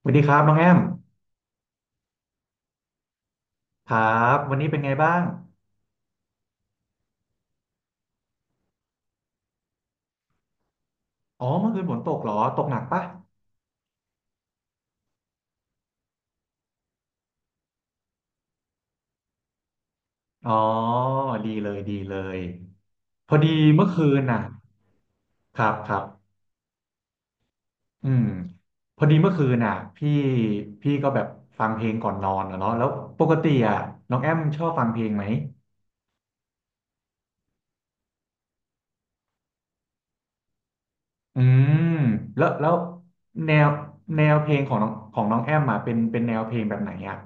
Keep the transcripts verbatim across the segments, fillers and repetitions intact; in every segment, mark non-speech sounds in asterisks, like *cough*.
สวัสดีครับน้องแอมครับวันนี้เป็นไงบ้างอ๋อเมื่อคืนฝนตกเหรอตกหนักปะอ๋อดีเลยดีเลยพอดีเมื่อคืนน่ะครับครับอืมพอดีเมื่อคืนน่ะพี่พี่ก็แบบฟังเพลงก่อนนอนอะเนาะแล้วปกติอ่ะน้องแอมชอบฟังเพลงไหมอืมแล้วแล้วแนวแนวเพลงของน้องของน้องแอมอ่ะเป็นเป็นแนวเพลงแบบไหนอ่ะ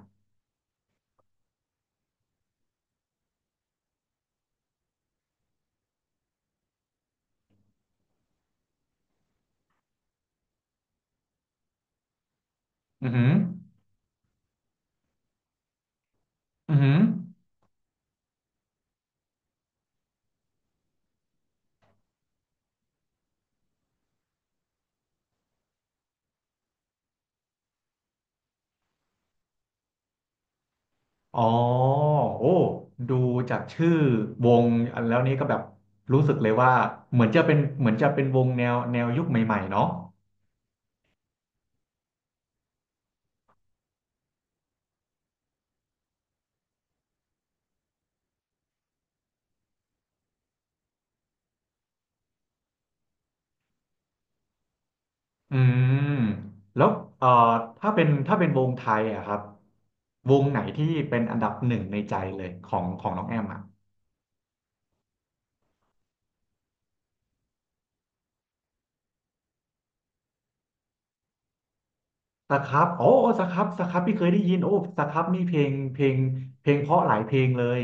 อือหืออือหือ อ๋อโอ้ดูจากชื่อวงอันแล้วนี้ก็แบบรู้สึกเลยว่าเหมือนจะเป็นเหมือนจะเป็นวงแนวแนวยุคใหม่ๆเนาะอืมแล้วเอ่อถ้าเป็นถ้าเป็นวงไทยอะครับวงไหนที่เป็นอันดับหนึ่งในใจเลยของของน้องแอมอะสครับโอ้โอ้สครับสครับพี่เคยได้ยินโอ้สครับนี่เพลงเพลงเพลงเพราะหลายเพลงเลย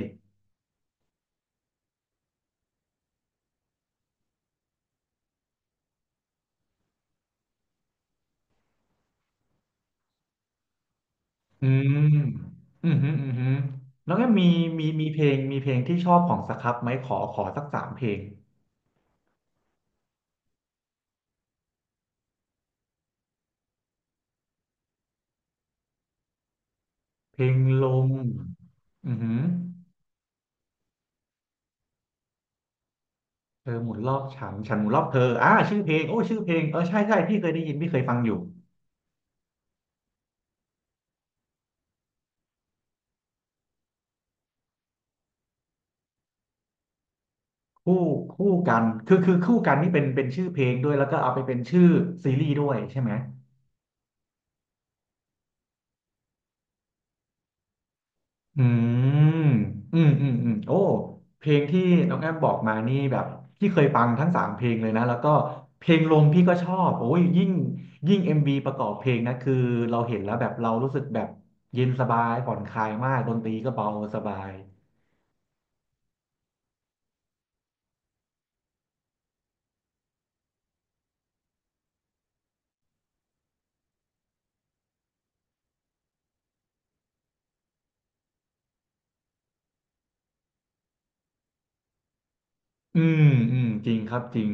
อืมอืมฮึอืมฮึแล้วก็มีมีมีเพลงมีเพลงที่ชอบของสครับไหมขอขอสักสามเพลงเพลงลมอือฮึเธอหมุนรอบฉันฉันหมุนรอบเธออ่าชื่อเพลงโอ้ชื่อเพลงเออใช่ใช่พี่เคยได้ยินพี่เคยฟังอยู่ คู่คู่กันคือคือคู่กันนี่เป็นเป็นชื่อเพลงด้วย แล้วก็เอาไปเป็นชื่อซีรีส์ด้วยใช่ไหม อืมอืมอืมอืมโอ้เพลงที่น้องแอมบอกมานี่แบบพี่เคยฟังทั้งสามเพลงเลยนะแล้วก็เพลงลงพี่ก็ชอบโอ้ยยิ่งยิ่งเอ็มวีประกอบเพลงนะคือเราเห็นแล้วแบบเรารู้สึกแบบเย็นสบายผ่อนคลายมากดนตรีก็เบาสบาย อืมอืมจริงครับจริง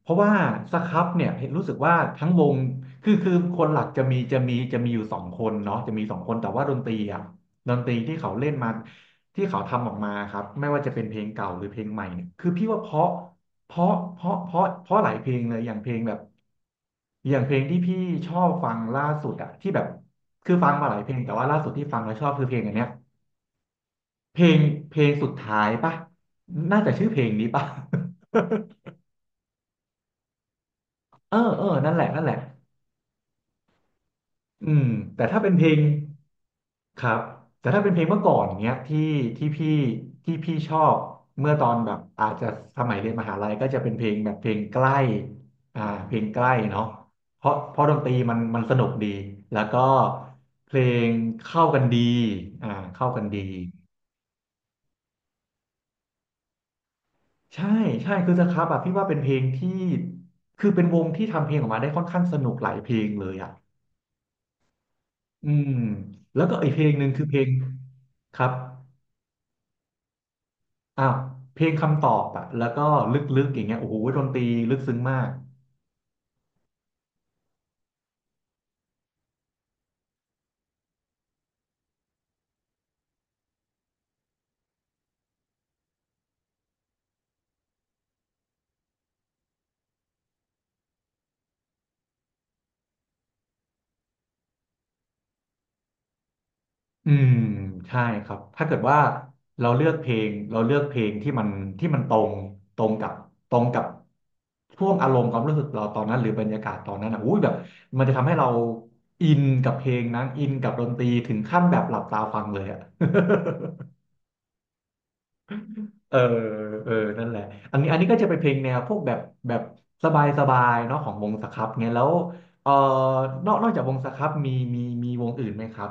เพราะว่าสครับเนี่ยเห็นรู้สึกว่าทั้งวงคือคือคนหลักจะมีจะมีจะมีอยู่สองคนเนาะจะมีสองคนแต่ว่าดนตรีอ่ะดนตรีที่เขาเล่นมาที่เขาทำออกมาครับไม่ว่าจะเป็นเพลงเก่าหรือเพลงใหม่เนี่ยคือพี่ว่าเพราะเพราะเพราะเพราะเพราะหลายเพลงเลยอย่างเพลงแบบอย่างเพลงที่พี่ชอบฟังล่าสุดอ่ะที่แบบคือฟังมาหลายเพลงแต่ว่าล่าสุดที่ฟังแล้วชอบคือเพลงอันเนี้ยเพลงเพลงสุดท้ายป่ะน่าจะชื่อเพลงนี้ป่ะ เออเออนั่นแหละนั่นแหละอืมแต่ถ้าเป็นเพลงครับแต่ถ้าเป็นเพลงเมื่อก่อนเนี้ยที่ที่พี่ที่พี่ชอบเมื่อตอนแบบอาจจะสมัยเรียนมหาลัยก็จะเป็นเพลงแบบเพลงใกล้อ่าเพลงใกล้เนาะเพราะเพราะดนตรีมันมันสนุกดีแล้วก็เพลงเข้ากันดีอ่าเข้ากันดีใช่ใช่คือสครับอ่ะพี่ว่าเป็นเพลงที่คือเป็นวงที่ทำเพลงออกมาได้ค่อนข้างสนุกหลายเพลงเลยอ่ะ อืมแล้วก็อีกเพลงหนึ่งคือเพลงครับอ้าวเพลงคำตอบอะแล้วก็ลึกๆอย่างเงี้ยโอ้โหดนตรีลึกซึ้งมากอืมใช่ครับถ้าเกิดว่าเราเลือกเพลงเราเลือกเพลงที่มันที่มันตรงตรงกับตรงกับช่วงอารมณ์ความรู้สึกเราตอนนั้นหรือบรรยากาศตอนนั้นอ่ะอุ้ยแบบมันจะทำให้เราอินกับเพลงนั้นอินกับดนตรีถึงขั้นแบบหลับตาฟังเลยอ่ะ *laughs* เออเออนั่นแหละอันนี้อันนี้ก็จะเป็นเพลงแนวพวกแบบแบบสบายสบายเนาะของวงสครับเงียแล้วเออนอกนอกจากวงสครับมีมีมีวงอื่นไหมครับ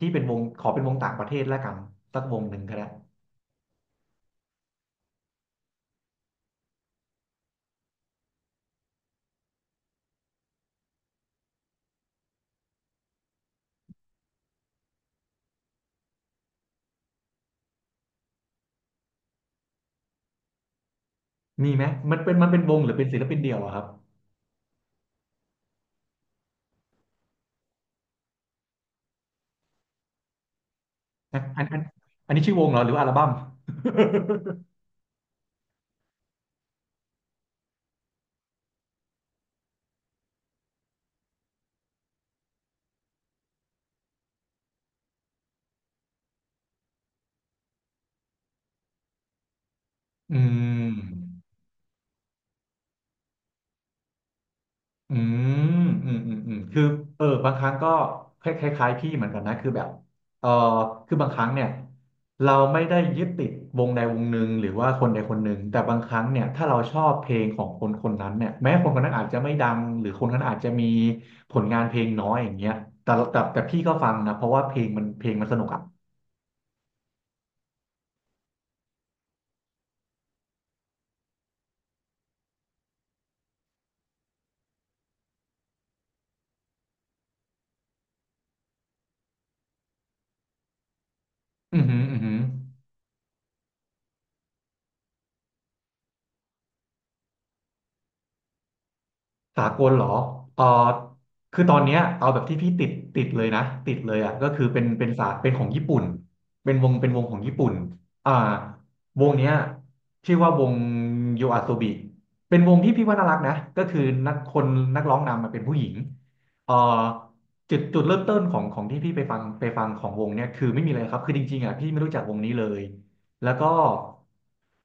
ที่เป็นวงขอเป็นวงต่างประเทศแล้วกันสักวงหนึ่งก็ได้มีไหมมันเป็นมันเป็นวงหรือเป็นศิลปินเดี่ยวเหรอะครับอันอันอันอันนี้ชื่อวงเหรอหรือว่าอัลบั้ม *laughs* อืม อืมอืมอืมอืมคือเออบางครั้งก็คล้ายคล้ายๆพี่เหมือนกันนะคือแบบเออคือบางครั้งเนี่ยเราไม่ได้ยึดติดวงใดวงหนึ่งหรือว่าคนใดคนหนึ่ง แต่บางครั้งเนี่ยถ้าเราชอบเพลงของคนคนนั้นเนี่ยแม้คนคนนั้นอาจจะไม่ดังหรือคนคนนั้นอาจจะมีผลงานเพลงน้อยอย่างเงี้ยแต่แต่แต่พี่ก็ฟังนะเพราะว่าเพลงมันเพลงมันสนุกอ่ะอือหืออือหือ สากลเหรอเออคือตอนเนี้ยเอาแบบที่พี่ติดติดเลยนะติดเลยอ่ะก็คือเป็นเป็นสาเป็นของญี่ปุ่นเป็นวงเป็นวงของญี่ปุ่นอ่าวงเนี้ยชื่อว่าวงโยอาโซบิเป็นวงที่พี่ว่าน่ารักนะก็คือนักคนนักร้องนำมาเป็นผู้หญิงเอ่อจุดจุดเริ่มต้นของของที่พี่ไปฟังไปฟังของวงเนี่ยคือไม่มีอะไรครับคือจริงๆอ่ะพี่ไม่รู้จักวงนี้เลย แล้วก็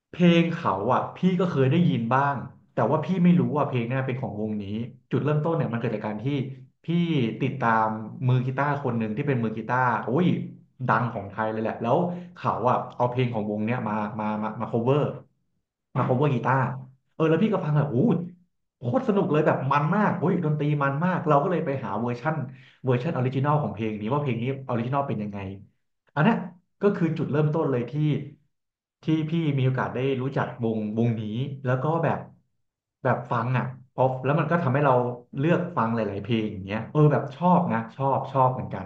เพลงเขาอ่ะพี่ก็เคยได้ยินบ้างแต่ว่าพี่ไม่รู้ว่าเพลงเนี่ยเป็นของวงนี้จุดเริ่มต้นเนี่ยมันเกิดจากการที่พี่ติดตามมือกีตาร์คนหนึ่งที่เป็นมือกีตาร์โอ้ยดังของไทยเลยแหละแล้วเขาอ่ะเอาเพลงของวงเนี่ยมามามามา cover มา cover กีตาร์เออแล้วพี่ก็ฟังแบบโอ้ยโคตรสนุกเลยแบบมันมากโอ้ยดนตรีมันมากเราก็เลยไปหาเวอร์ชั่นเวอร์ชันออริจินอลของเพลงนี้ว่าเพลงนี้ออริจินอลเป็นยังไงอันเนี้ย ก็คือจุดเริ่มต้นเลยที่ที่พี่มีโอกาสได้รู้จักวงวงนี้แล้วก็แบบแบบฟังอ่ะพอแล้วมันก็ทำให้เราเลือกฟังหลายๆเพลงอย่างเงี้ยเออแบบชอบนะชอบชอบเหมือนกัน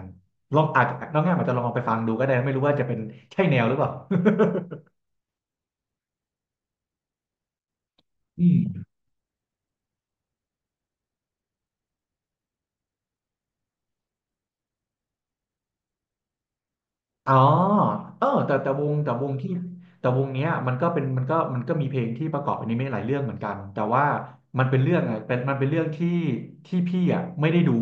ลองอาจจะน้องแง่มอาจจะลองเอาไปฟังดูก็ได้ไม่รู้ว่าจะเป็นใช่แนวหรือเปล่า *laughs* อืม อ๋อเออแต่แต่วงแต่วงที่แต่วงเนี้ยมันก็เป็นมันก็มันก็มีเพลงที่ประกอบอนิเมะหลายเรื่องเหมือนกันแต่ว่ามันเป็นเรื่องอะเป็นมันเป็นเรื่องที่ที่พี่อ่ะไม่ได้ดู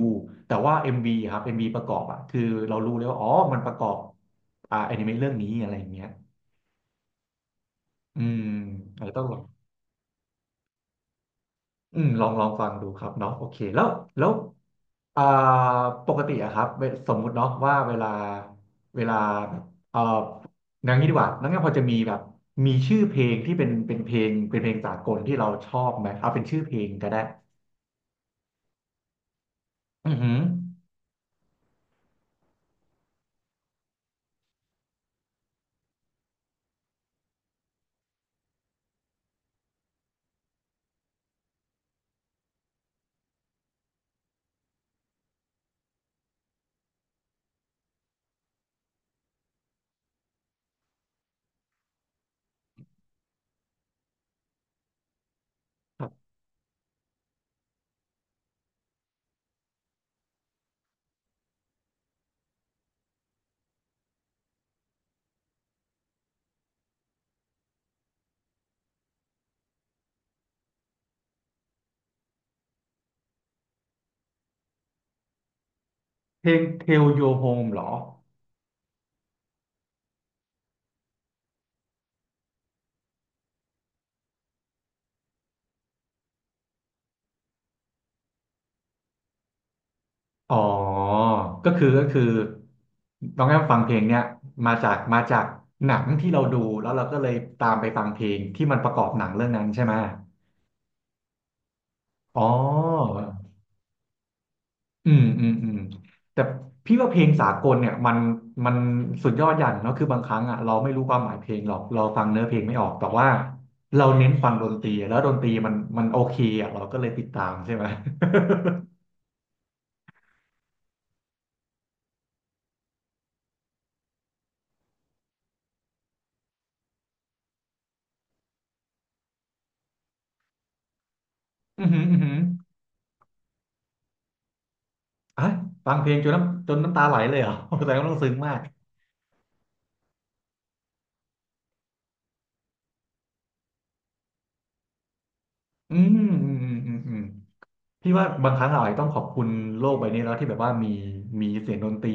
แต่ว่า เอ็ม วี ครับ m ีประกอบอ่ะคือเรารู้เลยว่าอ๋อมันประกอบอ่าอนิเมะเรื่องนี้อะไรอย่างเงี้ยอืมอาจจะต้องลอง อืมลองลองฟังดูครับเนาะโอเคแล้วแล้วอ่าปกติอะครับเวสมมุติเนาะว่าเวลาเวลาแบบเอ่ออย่างนี้ดีกว่าน้องแง่พอจะมีแบบมีชื่อเพลงที่เป็นเป็นเพลงเป็นเพลงสากลที่เราชอบไหมเอาเป็นชื่อเพลงก็ได้อือหือครับเพลง Tell Your Home เหรออ๋อก็คือก็คือน้องแอมฟังเพลงเนี้ยมาจากมาจากหนังที่เราดูแล้วเราก็เลยตามไปฟังเพลงที่มันประกอบหนังเรื่องนั้นใช่ไหม อ๋ออืมอืมอืมแต่พี่ว่าเพลงสากลเนี่ยมันมันสุดยอดอย่างเนาะคือบางครั้งอ่ะเราไม่รู้ความหมายเพลงหรอกเราฟังเนื้อเพลงไม่ออกแต่ว่าเราเน้นฟังดนตรีแล้วดนตรีมันมันโอเคอ่ะเราก็เลยติดตามใช่ไหม *laughs* อือหืออือหืออ่ะฟังเพลงจนน้ำจนน้ำตาไหลเลยเหรอ *laughs* แสดงว่าต้องซึ้งมากอืมอืมอืมอืมอืม พี่ว่าบางครั้งเราอาจจะต้องขอบคุณโลกใบนี้แล้วที่แบบว่ามีมีเสียงดนตรี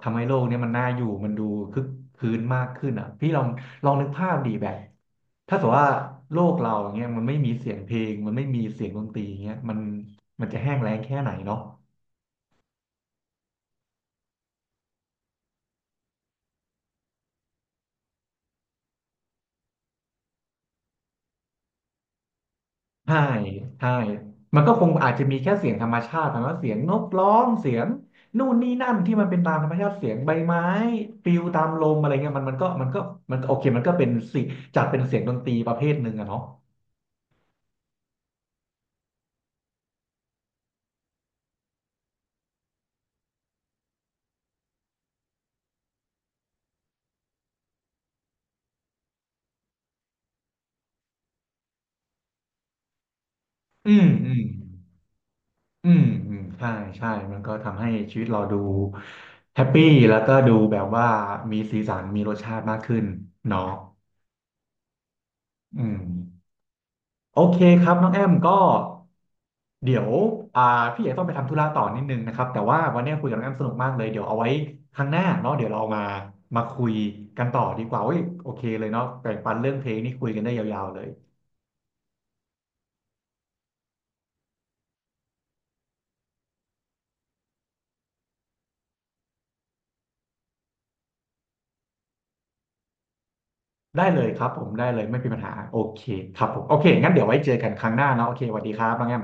ทำให้โลกเนี้มันน่าอยู่มันดูคึกคืนมากขึ้นอ่ะพี่ลองลองนึกภาพดีแบบถ้าสมมติว่าโลกเราอย่างเงี้ยมันไม่มีเสียงเพลงมันไม่มีเสียงดนตรีอย่างเงี้ยมันมันจะแห้งแล้งแค่ไหนเนาะ ใช่ใช่มันก็คงอาจจะมีแค่เสียงธรรมชาติแต่ว่าเสียงนกร้องเสียงนู่นนี่นั่นที่มันเป็นตามธรรมชาติเสียงใบไม้ปลิวตามลมอะไรเงี้ยมันมันก็มันก็มันก็โอเคมันก็เป็นสิงจัดเป็นเสียงดนตรีประเภทหนึ่งอะเนาะอืมอืมอืมอืมใช่ใช่มันก็ทำให้ชีวิตเราดูแฮปปี้แล้วก็ดูแบบว่ามีสีสันมีรสชาติมากขึ้นเนาะอืมโอเคครับน้องแอมก็ เดี๋ยวอ่าพี่เอกต้องไปทำธุระต่อนิดนึงนะครับแต่ว่าวันนี้คุยกับน้องแอมสนุกมากเลยเดี๋ยวเอาไว้ครั้งหน้าเนาะเดี๋ยวเรามามาคุยกันต่อดีกว่าเว้ยโอเคเลยเนาะแบ่งปันเรื่องเพลงนี่คุยกันได้ยาวๆเลยได้เลยครับผมได้เลยไม่มีปัญหาโอเคครับผมโอเคงั้นเดี๋ยวไว้เจอกันครั้งหน้าเนาะโอเคสวัสดีครับน้องแอม